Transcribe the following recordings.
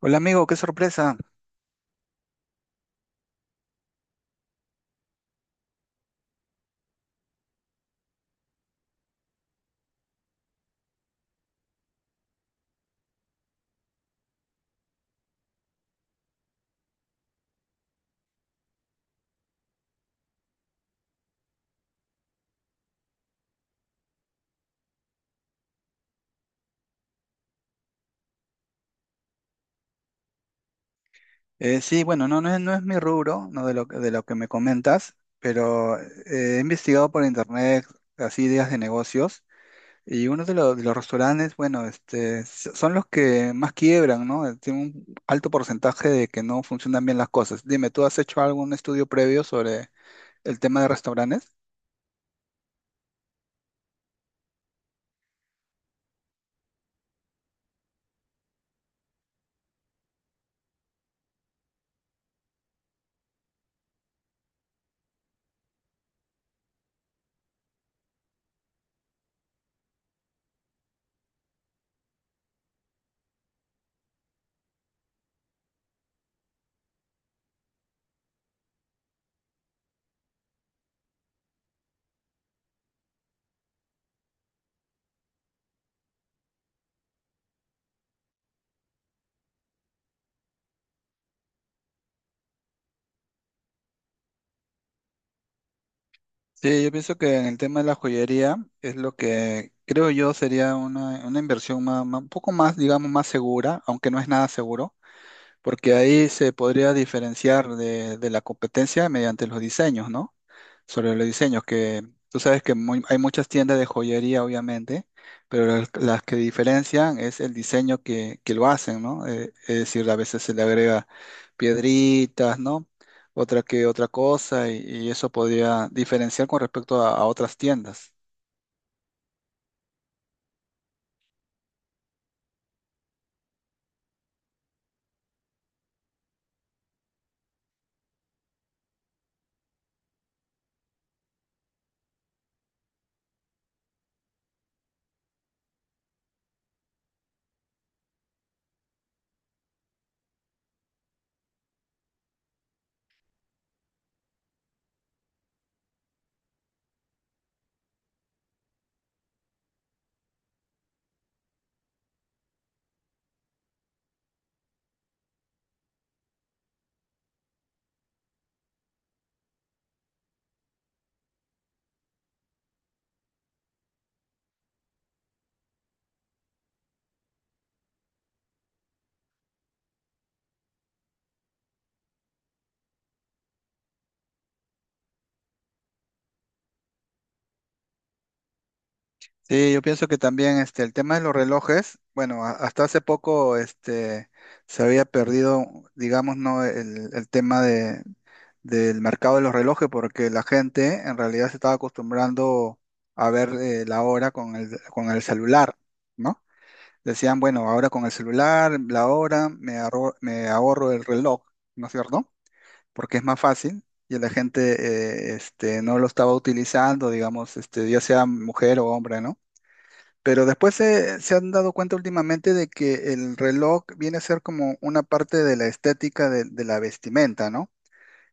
Hola amigo, qué sorpresa. Sí, bueno, no, no es mi rubro, no, de lo que me comentas, pero he investigado por internet así ideas de negocios, y uno de los restaurantes, bueno, son los que más quiebran, ¿no? Tienen un alto porcentaje de que no funcionan bien las cosas. Dime, ¿tú has hecho algún estudio previo sobre el tema de restaurantes? Sí, yo pienso que en el tema de la joyería es lo que creo yo sería una inversión un poco más, digamos, más segura, aunque no es nada seguro, porque ahí se podría diferenciar de la competencia mediante los diseños, ¿no? Sobre los diseños, que tú sabes que hay muchas tiendas de joyería, obviamente, pero las que diferencian es el diseño que lo hacen, ¿no? Es decir, a veces se le agrega piedritas, ¿no? Otra que otra cosa, y eso podría diferenciar con respecto a otras tiendas. Sí, yo pienso que también este, el tema de los relojes, bueno, hasta hace poco este, se había perdido, digamos, ¿no? El tema del mercado de los relojes, porque la gente en realidad se estaba acostumbrando a ver la hora con el celular, ¿no? Decían, bueno, ahora con el celular, la hora, me ahorro el reloj, ¿no es cierto? Porque es más fácil, y la gente este, no lo estaba utilizando, digamos, este, ya sea mujer o hombre, ¿no? Pero después se han dado cuenta últimamente de que el reloj viene a ser como una parte de la estética de la vestimenta, ¿no?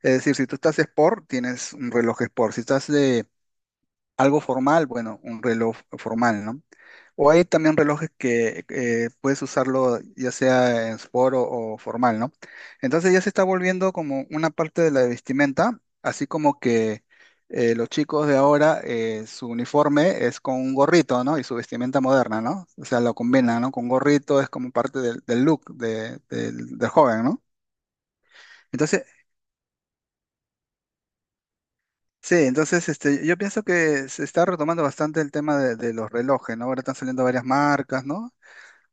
Es decir, si tú estás sport, tienes un reloj sport. Si estás de algo formal, bueno, un reloj formal, ¿no? O hay también relojes que puedes usarlo ya sea en sport o formal, ¿no? Entonces ya se está volviendo como una parte de la vestimenta, así como que los chicos de ahora, su uniforme es con un gorrito, ¿no? Y su vestimenta moderna, ¿no? O sea, lo combinan, ¿no? Con gorrito es como parte del look del joven, ¿no? Entonces Sí, entonces este, yo pienso que se está retomando bastante el tema de los relojes, ¿no? Ahora están saliendo varias marcas, ¿no?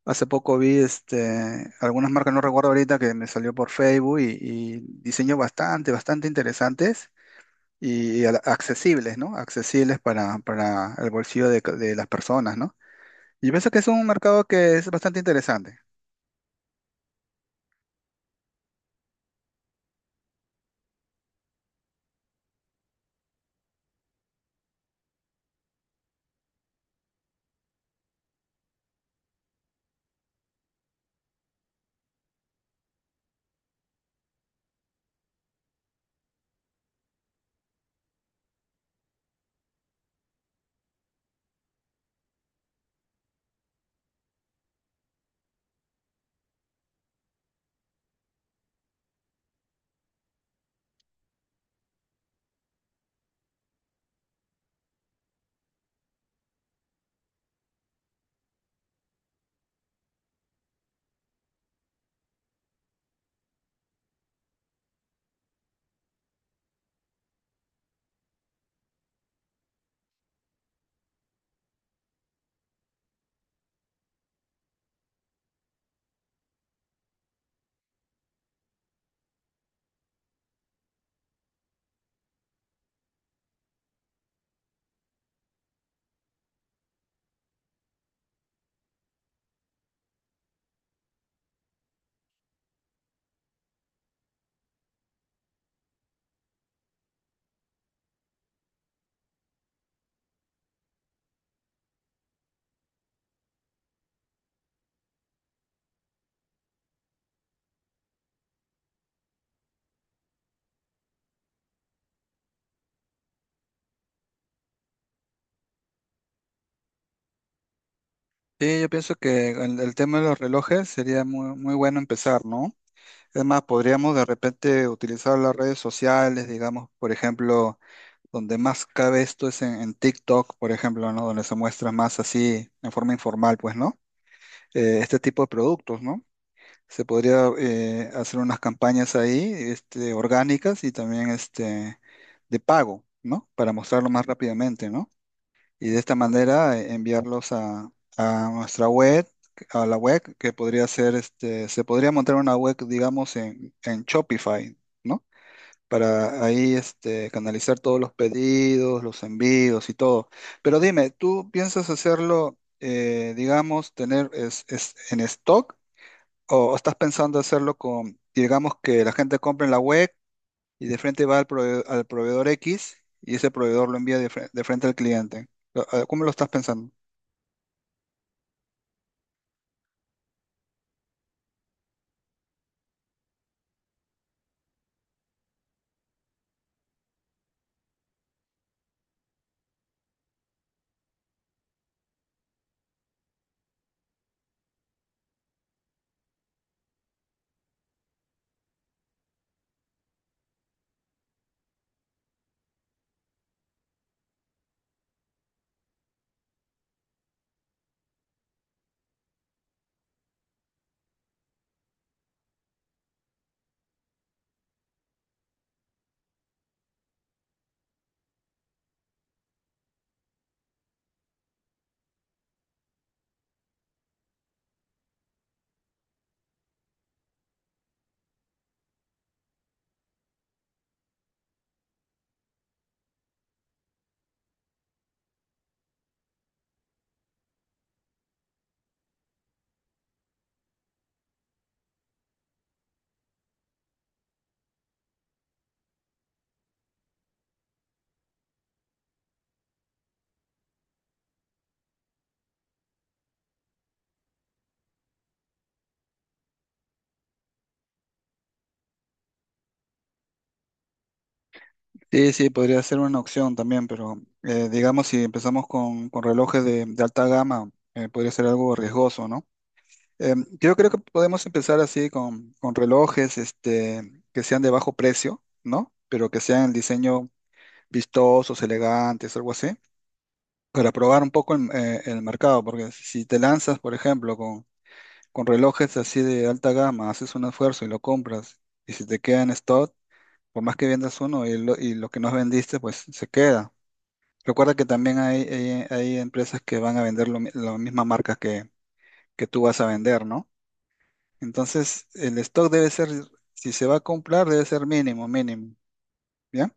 Hace poco vi este, algunas marcas, no recuerdo ahorita, que me salió por Facebook, y diseños bastante, bastante interesantes y accesibles, ¿no? Accesibles para el bolsillo de las personas, ¿no? Y yo pienso que es un mercado que es bastante interesante. Sí, yo pienso que el tema de los relojes sería muy, muy bueno empezar, ¿no? Es más, podríamos de repente utilizar las redes sociales, digamos, por ejemplo, donde más cabe esto es en TikTok, por ejemplo, ¿no? Donde se muestra más así, en forma informal, pues, ¿no? Este tipo de productos, ¿no? Se podría hacer unas campañas ahí, este, orgánicas, y también este, de pago, ¿no? Para mostrarlo más rápidamente, ¿no? Y de esta manera enviarlos a nuestra web, a la web que podría ser, este, se podría montar una web, digamos, en Shopify, ¿no? Para ahí este, canalizar todos los pedidos, los envíos y todo. Pero dime, ¿tú piensas hacerlo, digamos, tener en stock, o estás pensando hacerlo con, digamos, que la gente compre en la web, y de frente va al proveedor X, y ese proveedor lo envía de frente al cliente? ¿Cómo lo estás pensando? Sí, sí, podría ser una opción también, pero digamos, si empezamos con relojes de alta gama, podría ser algo riesgoso, ¿no? Eh, yo creo que podemos empezar así con relojes este, que sean de bajo precio, ¿no? Pero que sean el diseño vistosos, elegantes, algo así, para probar un poco el mercado, porque si te lanzas, por ejemplo, con relojes así de alta gama, haces un esfuerzo y lo compras, y si te queda en stock, por más que vendas uno y lo que no vendiste, pues se queda. Recuerda que también hay empresas que van a vender las mismas marcas que tú vas a vender, ¿no? Entonces, el stock debe ser, si se va a comprar, debe ser mínimo, mínimo, ¿ya?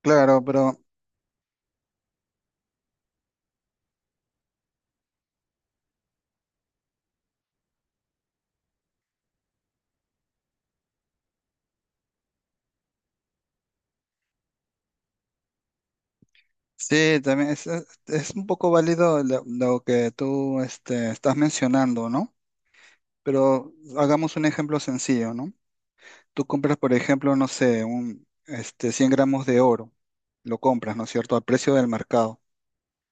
Claro, pero sí, también es un poco válido lo que tú este, estás mencionando, ¿no? Pero hagamos un ejemplo sencillo, ¿no? Tú compras, por ejemplo, no sé, 100 gramos de oro, lo compras, ¿no es cierto?, al precio del mercado.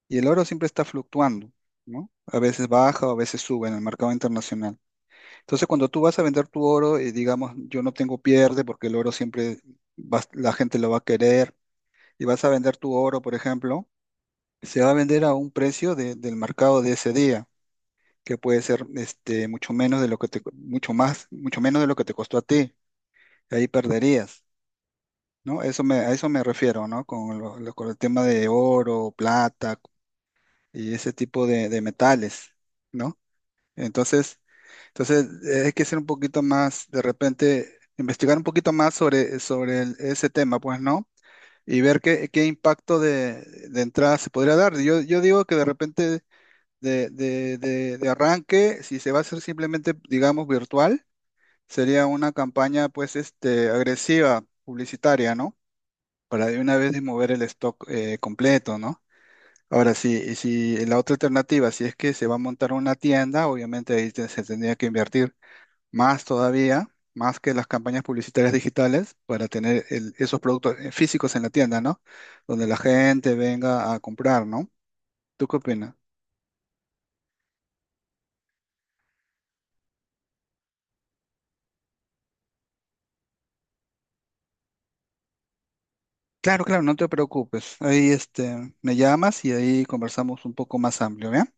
Y el oro siempre está fluctuando, ¿no? A veces baja o a veces sube en el mercado internacional. Entonces, cuando tú vas a vender tu oro, digamos, yo no tengo pierde porque el oro siempre la gente lo va a querer. Y vas a vender tu oro, por ejemplo, se va a vender a un precio del mercado de ese día, que puede ser este, mucho menos de lo que te, mucho más, mucho menos de lo que te costó a ti. Ahí perderías, ¿no? Eso a eso me refiero, ¿no? Con el tema de oro, plata y ese tipo de metales, ¿no? Entonces, entonces, hay que ser un poquito más, de repente, investigar un poquito más sobre ese tema, pues, ¿no? Y ver qué impacto de entrada se podría dar. Yo digo que de repente de arranque, si se va a hacer simplemente, digamos, virtual, sería una campaña, pues, este, agresiva, publicitaria, ¿no? Para de una vez mover el stock completo, ¿no? Ahora sí, y si la otra alternativa, si es que se va a montar una tienda, obviamente ahí se tendría que invertir más todavía, más que las campañas publicitarias digitales, para tener esos productos físicos en la tienda, ¿no? Donde la gente venga a comprar, ¿no? ¿Tú qué opinas? Claro, claro, no te preocupes. Ahí este, me llamas y ahí conversamos un poco más amplio, ¿bien?